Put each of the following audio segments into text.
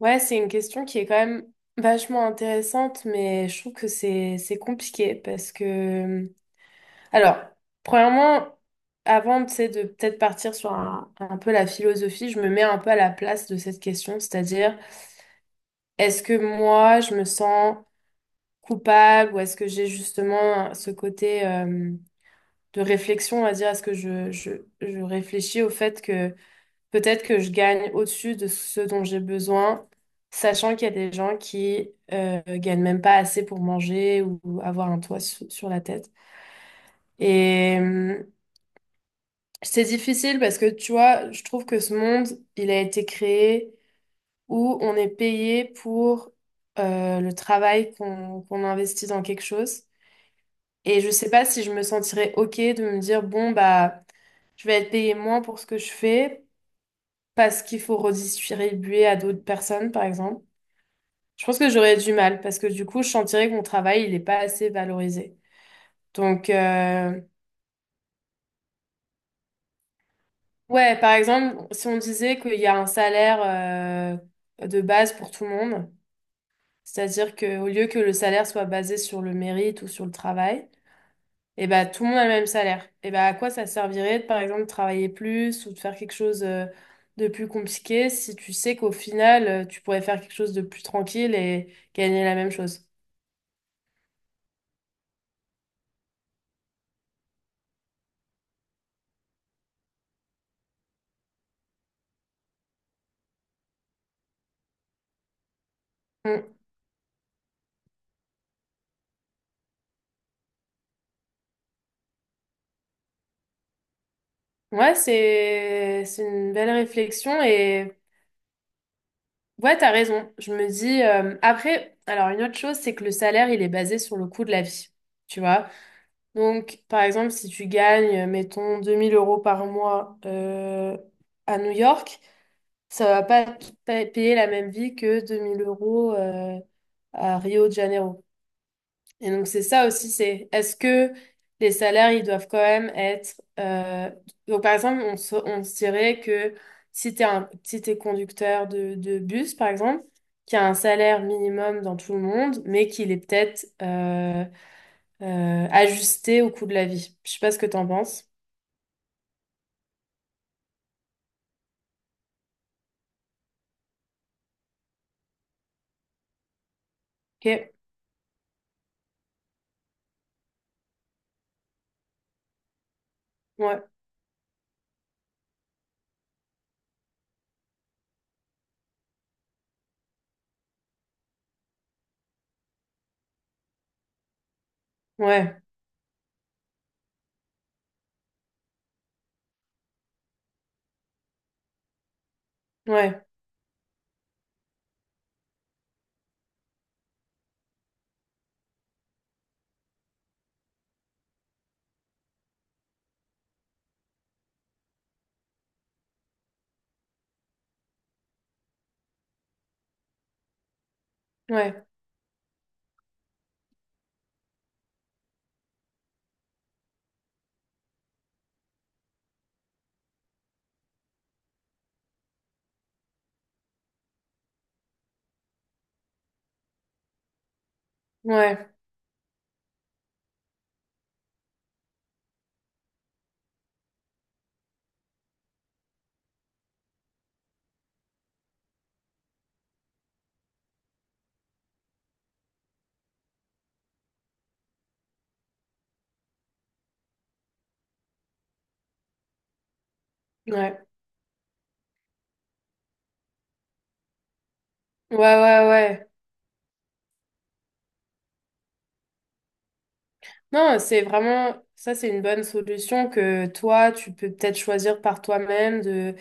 Ouais, c'est une question qui est quand même vachement intéressante, mais je trouve que c'est compliqué parce que, alors, premièrement, avant, tu sais, de peut-être partir sur un peu la philosophie, je me mets un peu à la place de cette question, c'est-à-dire est-ce que moi je me sens coupable ou est-ce que j'ai justement ce côté de réflexion, à dire est-ce que je réfléchis au fait que peut-être que je gagne au-dessus de ce dont j'ai besoin, sachant qu'il y a des gens qui gagnent même pas assez pour manger ou avoir un toit sur la tête. Et c'est difficile parce que tu vois, je trouve que ce monde, il a été créé où on est payé pour le travail qu'on investit dans quelque chose. Et je sais pas si je me sentirais OK de me dire, bon, bah, je vais être payé moins pour ce que je fais parce qu'il faut redistribuer à d'autres personnes, par exemple. Je pense que j'aurais du mal parce que du coup, je sentirais que mon travail, il n'est pas assez valorisé. Donc, ouais, par exemple, si on disait qu'il y a un salaire de base pour tout le monde, c'est-à-dire qu'au lieu que le salaire soit basé sur le mérite ou sur le travail, et ben tout le monde a le même salaire. Et ben à quoi ça servirait de, par exemple, travailler plus ou de faire quelque chose de plus compliqué si tu sais qu'au final, tu pourrais faire quelque chose de plus tranquille et gagner la même chose? Ouais, c'est une belle réflexion et ouais, t'as raison. Je me dis après, alors une autre chose, c'est que le salaire, il est basé sur le coût de la vie, tu vois. Donc, par exemple, si tu gagnes, mettons, 2000 € par mois à New York, ça va pas te payer la même vie que 2000 € à Rio de Janeiro. Et donc c'est ça aussi, c'est est-ce que les salaires, ils doivent quand même être. Donc par exemple, on se dirait que si t'es conducteur de bus, par exemple, qui a un salaire minimum dans tout le monde, mais qu'il est peut-être ajusté au coût de la vie. Je sais pas ce que t'en penses. Ok, ouais, ouais, ouais, ouais, ouais, ouais, ouais, ouais, ouais. Non, c'est vraiment. Ça, c'est une bonne solution que toi, tu peux peut-être choisir par toi-même de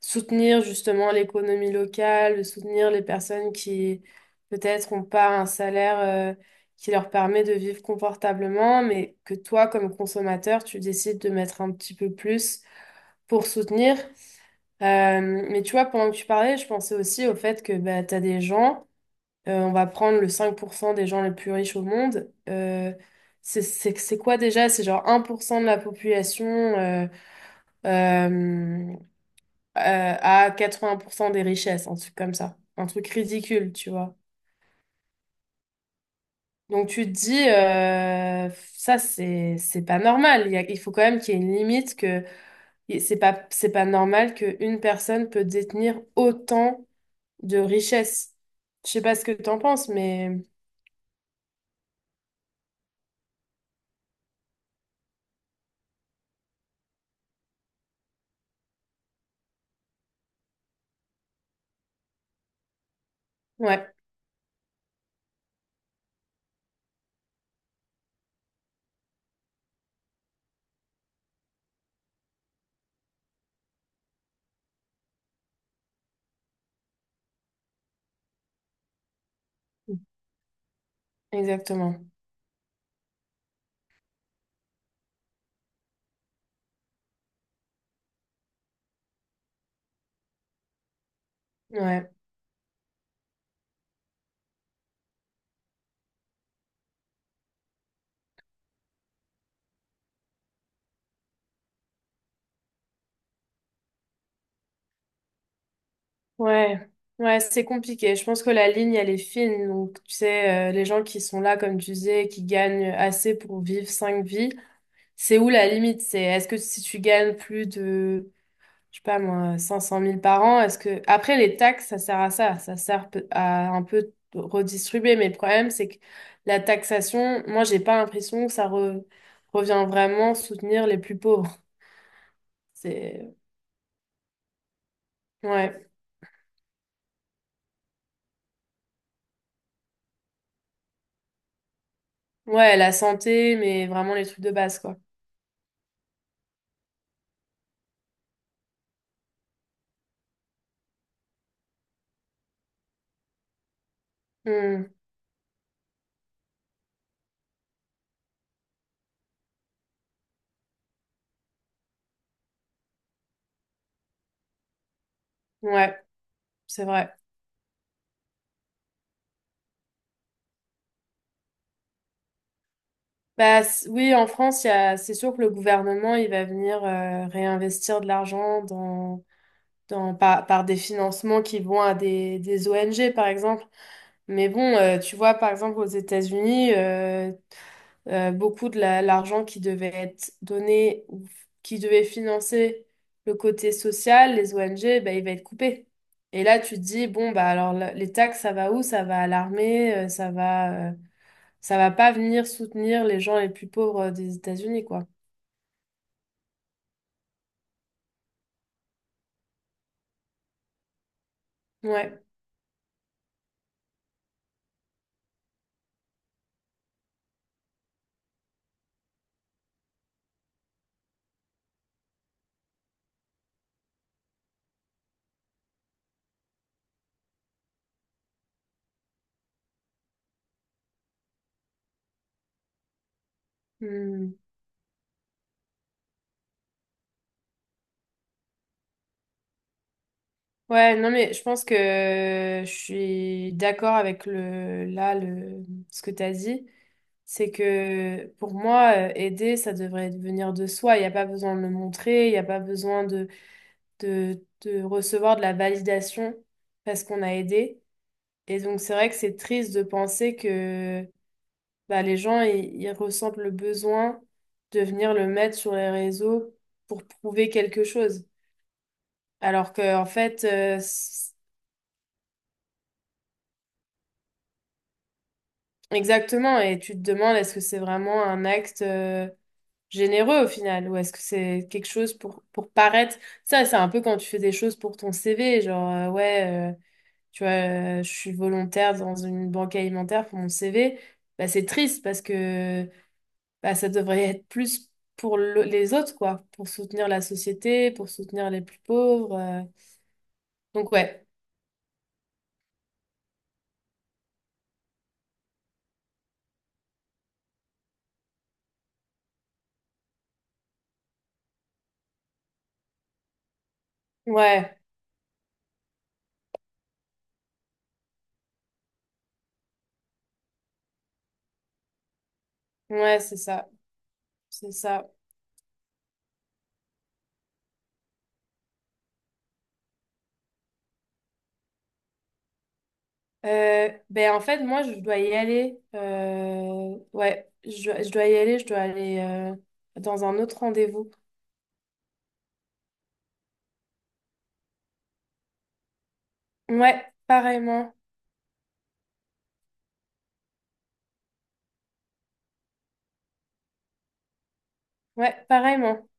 soutenir justement l'économie locale, de soutenir les personnes qui peut-être n'ont pas un salaire qui leur permet de vivre confortablement, mais que toi, comme consommateur, tu décides de mettre un petit peu plus pour soutenir. Euh, mais tu vois, pendant que tu parlais, je pensais aussi au fait que bah, tu as des gens, on va prendre le 5% des gens les plus riches au monde. C'est quoi déjà? C'est genre 1% de la population. Euh, à 80% des richesses, un truc comme ça. Un truc ridicule, tu vois. Donc tu te dis, ça c'est pas normal. Il faut quand même qu'il y ait une limite que et c'est pas normal qu'une personne peut détenir autant de richesses. Je sais pas ce que t'en penses, mais ouais, exactement. Ouais, ouais, ouais, c'est compliqué. Je pense que la ligne elle est fine. Donc tu sais, les gens qui sont là, comme tu disais, qui gagnent assez pour vivre cinq vies. C'est où la limite? C'est est-ce que si tu gagnes plus de, je sais pas moi, 500 000 par an, est-ce que. Après, les taxes, ça sert à ça. Ça sert à un peu redistribuer. Mais le problème, c'est que la taxation, moi, j'ai pas l'impression que ça revient vraiment soutenir les plus pauvres. C'est. Ouais. Ouais, la santé, mais vraiment les trucs de base, quoi. Hmm. Ouais, c'est vrai. Bah, oui, en France, il y a, c'est sûr que le gouvernement, il va venir réinvestir de l'argent par, des financements qui vont à des ONG, par exemple. Mais bon, tu vois, par exemple, aux États-Unis, beaucoup l'argent qui devait être donné qui devait financer le côté social, les ONG, ben, il va être coupé. Et là, tu te dis, bon, bah, alors les taxes, ça va où? Ça va à l'armée, ça va pas venir soutenir les gens les plus pauvres des États-Unis, quoi. Ouais. Hmm. Ouais, non, mais je pense que je suis d'accord avec ce que tu as dit. C'est que pour moi, aider, ça devrait venir de soi. Il n'y a pas besoin de le montrer, il n'y a pas besoin de, de recevoir de la validation parce qu'on a aidé. Et donc, c'est vrai que c'est triste de penser que bah, les gens, ils ressentent le besoin de venir le mettre sur les réseaux pour prouver quelque chose. Alors qu'en fait. Exactement, et tu te demandes est-ce que c'est vraiment un acte généreux au final, ou est-ce que c'est quelque chose pour, paraître. Ça, c'est un peu quand tu fais des choses pour ton CV, genre ouais, tu vois, je suis volontaire dans une banque alimentaire pour mon CV. Bah, c'est triste parce que bah, ça devrait être plus pour les autres, quoi, pour soutenir la société, pour soutenir les plus pauvres. Donc ouais, ouais, ouais, c'est ça, c'est ça. Ben en fait, moi, je dois y aller. Ouais, je dois y aller. Je dois aller dans un autre rendez-vous. Ouais, pareillement. Ouais, pareillement.